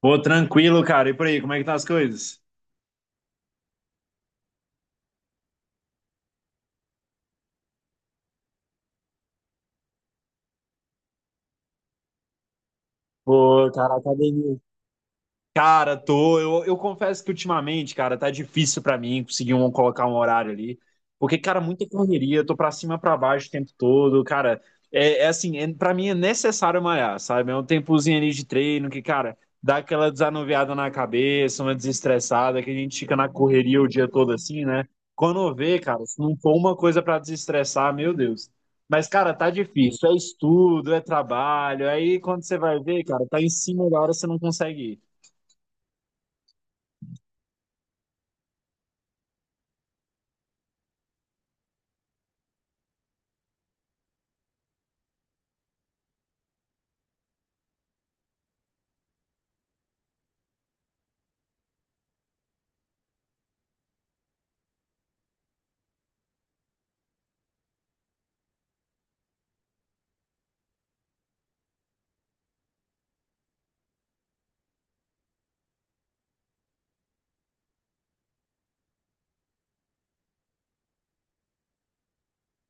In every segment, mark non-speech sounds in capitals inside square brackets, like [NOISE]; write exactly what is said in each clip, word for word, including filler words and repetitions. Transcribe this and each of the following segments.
Pô, tranquilo, cara. E por aí, como é que tá as coisas? Pô, cara, academia. Cara, tô. Eu, eu confesso que ultimamente, cara, tá difícil pra mim conseguir um, colocar um horário ali. Porque, cara, muita correria, eu tô pra cima, pra baixo o tempo todo. Cara, é, é assim, é, pra mim é necessário malhar, sabe? É um tempozinho ali de treino que, cara, dá aquela desanuviada na cabeça, uma desestressada, que a gente fica na correria o dia todo assim, né? Quando vê, cara, se não for uma coisa pra desestressar, meu Deus. Mas, cara, tá difícil. É estudo, é trabalho. Aí, quando você vai ver, cara, tá em cima da hora, você não consegue ir.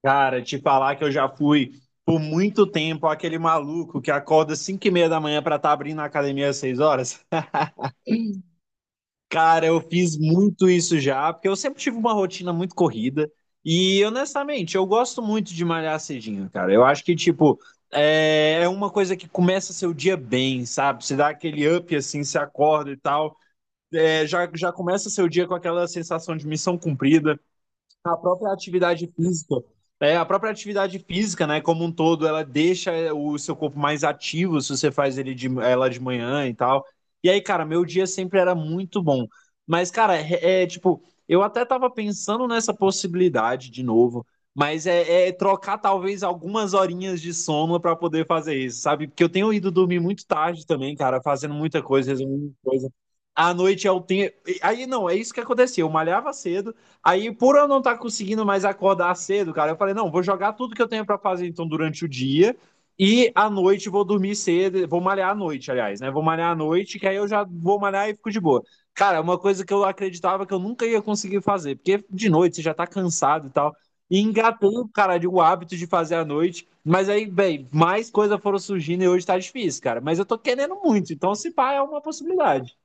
Cara, te falar que eu já fui por muito tempo aquele maluco que acorda às cinco e meia da manhã pra estar abrindo a academia às seis horas. [LAUGHS] Cara, eu fiz muito isso já, porque eu sempre tive uma rotina muito corrida. E honestamente, eu gosto muito de malhar cedinho, cara. Eu acho que, tipo, é é uma coisa que começa seu dia bem, sabe? Você dá aquele up assim, se acorda e tal. É, já, já começa seu dia com aquela sensação de missão cumprida a própria atividade física, é, a própria atividade física, né, como um todo, ela deixa é, o seu corpo mais ativo se você faz ele de, ela de manhã e tal. E aí, cara, meu dia sempre era muito bom. Mas, cara, é, é, tipo, eu até tava pensando nessa possibilidade de novo, mas é, é trocar talvez algumas horinhas de sono pra poder fazer isso, sabe? Porque eu tenho ido dormir muito tarde também, cara, fazendo muita coisa, resolvendo muita coisa. À noite eu tenho. Aí não, é isso que acontecia. Eu malhava cedo, aí, por eu não estar tá conseguindo mais acordar cedo, cara, eu falei, não, vou jogar tudo que eu tenho para fazer então durante o dia e à noite vou dormir cedo, vou malhar à noite, aliás, né? Vou malhar à noite, que aí eu já vou malhar e fico de boa. Cara, é uma coisa que eu acreditava que eu nunca ia conseguir fazer, porque de noite você já tá cansado e tal. E engatei, cara, de o hábito de fazer à noite. Mas aí, bem, mais coisas foram surgindo e hoje tá difícil, cara. Mas eu tô querendo muito, então se pá é uma possibilidade.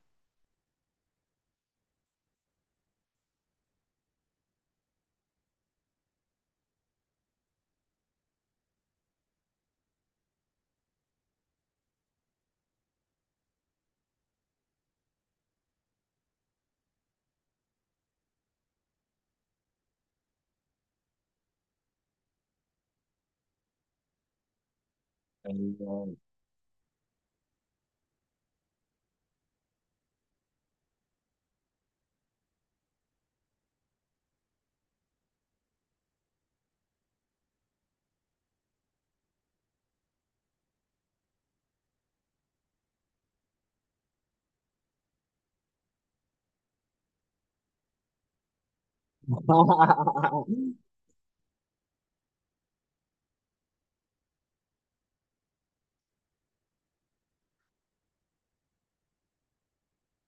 [LAUGHS]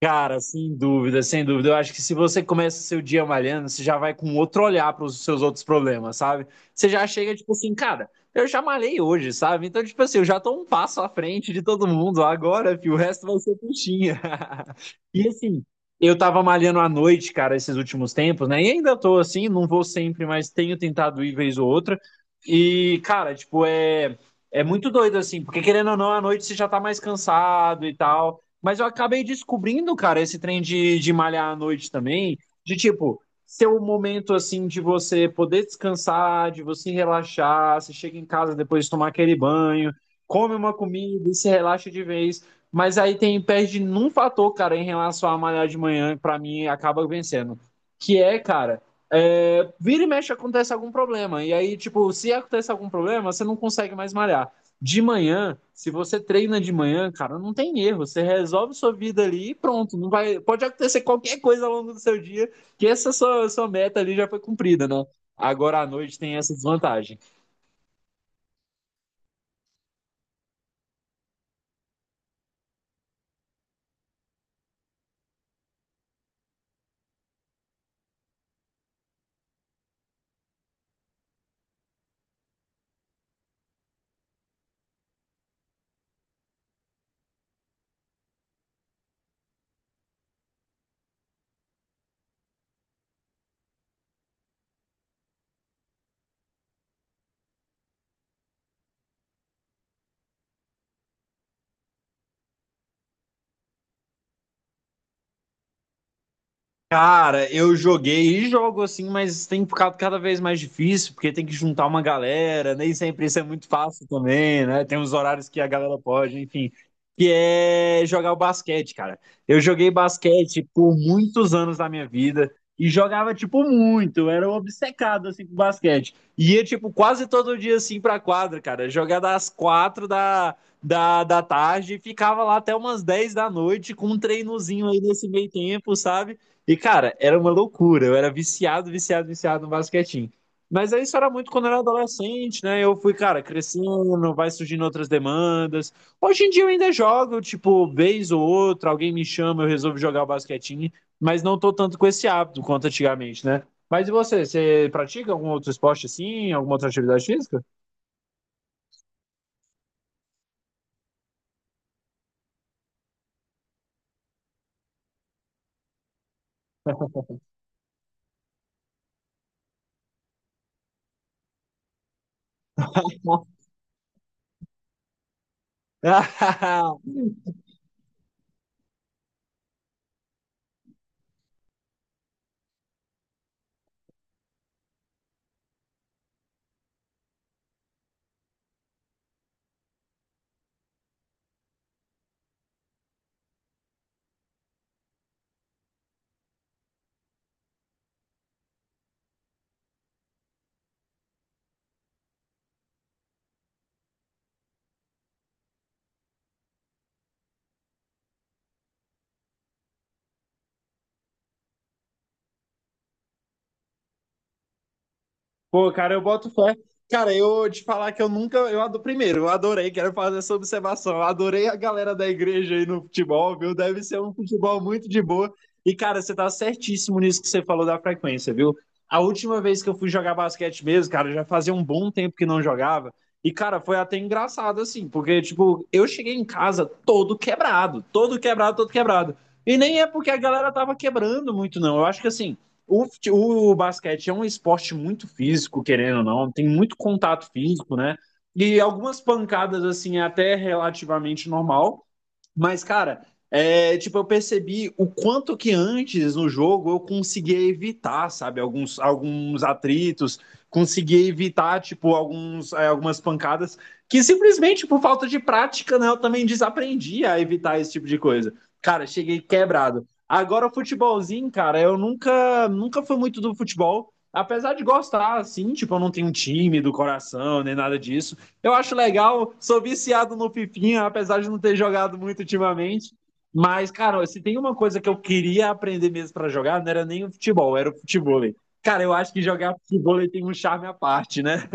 Cara, sem dúvida, sem dúvida. Eu acho que se você começa seu dia malhando, você já vai com outro olhar para os seus outros problemas, sabe? Você já chega, tipo assim, cara, eu já malhei hoje, sabe? Então, tipo assim, eu já tô um passo à frente de todo mundo. Agora, filho, o resto vai ser puxinha. [LAUGHS] E assim, eu tava malhando à noite, cara, esses últimos tempos, né? E ainda tô assim, não vou sempre, mas tenho tentado ir vez ou outra. E, cara, tipo, é, é muito doido, assim, porque querendo ou não, à noite você já tá mais cansado e tal. Mas eu acabei descobrindo, cara, esse trem de, de malhar à noite também, de tipo, ser um momento assim de você poder descansar, de você relaxar, você chega em casa depois de tomar aquele banho, come uma comida e se relaxa de vez. Mas aí tem perde num fator, cara, em relação a malhar de manhã, pra mim acaba vencendo. Que é, cara, é, vira e mexe acontece algum problema. E aí, tipo, se acontece algum problema, você não consegue mais malhar. De manhã, se você treina de manhã, cara, não tem erro. Você resolve sua vida ali e pronto. Não vai, pode acontecer qualquer coisa ao longo do seu dia, que essa sua, sua meta ali já foi cumprida, né? Agora à noite tem essa desvantagem. Cara, eu joguei e jogo assim, mas tem ficado cada vez mais difícil, porque tem que juntar uma galera, nem sempre isso é muito fácil também, né? Tem uns horários que a galera pode, enfim. Que é jogar o basquete, cara. Eu joguei basquete por muitos anos da minha vida e jogava, tipo, muito, era obcecado, assim, com basquete. Ia, tipo, quase todo dia, assim, pra quadra, cara. Jogar das quatro da, da, da tarde e ficava lá até umas dez da noite com um treinozinho aí nesse meio tempo, sabe? E, cara, era uma loucura. Eu era viciado, viciado, viciado no basquetinho. Mas aí isso era muito quando eu era adolescente, né? Eu fui, cara, crescendo, vai surgindo outras demandas. Hoje em dia eu ainda jogo, tipo, vez ou outra, alguém me chama, eu resolvo jogar o basquetinho, mas não tô tanto com esse hábito quanto antigamente, né? Mas e você? Você pratica algum outro esporte assim? Alguma outra atividade física? [LAUGHS] Pô, cara, eu boto fé. Cara, eu te falar que eu nunca. Eu adoro, primeiro, eu adorei, quero fazer essa observação. Eu adorei a galera da igreja aí no futebol, viu? Deve ser um futebol muito de boa. E, cara, você tá certíssimo nisso que você falou da frequência, viu? A última vez que eu fui jogar basquete mesmo, cara, já fazia um bom tempo que não jogava. E, cara, foi até engraçado, assim, porque, tipo, eu cheguei em casa todo quebrado, todo quebrado, todo quebrado. E nem é porque a galera tava quebrando muito, não. Eu acho que, assim. O, o basquete é um esporte muito físico, querendo ou não, tem muito contato físico, né? E algumas pancadas, assim, é até relativamente normal. Mas, cara, é, tipo, eu percebi o quanto que antes no jogo eu conseguia evitar, sabe, alguns, alguns atritos, conseguia evitar, tipo, alguns, é, algumas pancadas que simplesmente por falta de prática, né, eu também desaprendi a evitar esse tipo de coisa. Cara, cheguei quebrado. Agora, o futebolzinho, cara, eu nunca, nunca fui muito do futebol, apesar de gostar, assim, tipo, eu não tenho um time do coração, nem nada disso. Eu acho legal, sou viciado no Fifinha, apesar de não ter jogado muito ultimamente. Mas, cara, se tem uma coisa que eu queria aprender mesmo pra jogar, não era nem o futebol, era o futebol. Cara, eu acho que jogar futebol tem um charme à parte, né?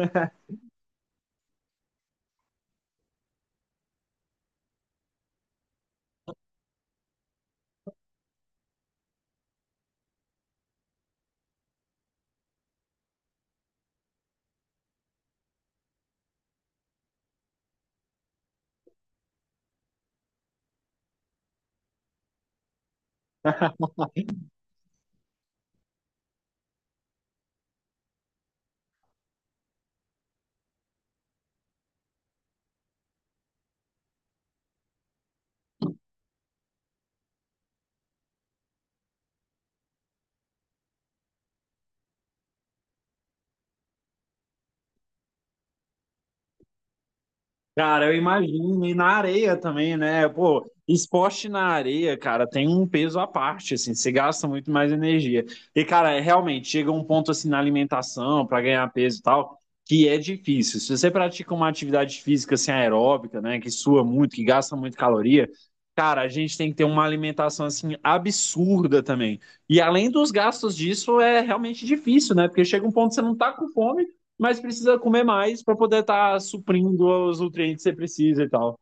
Cara, eu imagino, e na areia também, né? Pô, esporte na areia, cara, tem um peso à parte, assim, você gasta muito mais energia. E, cara, é, realmente, chega um ponto, assim, na alimentação, para ganhar peso e tal, que é difícil. Se você pratica uma atividade física, assim, aeróbica, né, que sua muito, que gasta muito caloria, cara, a gente tem que ter uma alimentação, assim, absurda também. E além dos gastos disso, é realmente difícil, né? Porque chega um ponto que você não tá com fome mas precisa comer mais para poder estar suprindo os nutrientes que você precisa e tal.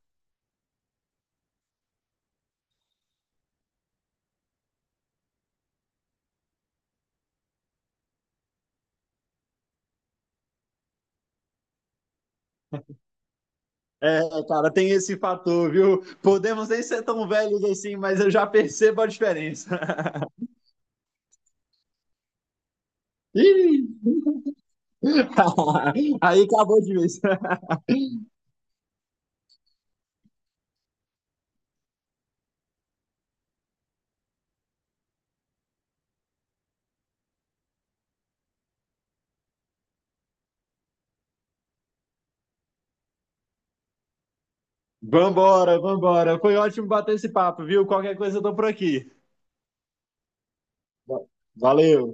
É, cara, tem esse fator, viu? Podemos nem ser tão velhos assim, mas eu já percebo a diferença. [LAUGHS] Ih! [LAUGHS] Aí acabou de vez. Vambora, vambora. Foi ótimo bater esse papo, viu? Qualquer coisa eu tô por aqui. Va- Valeu!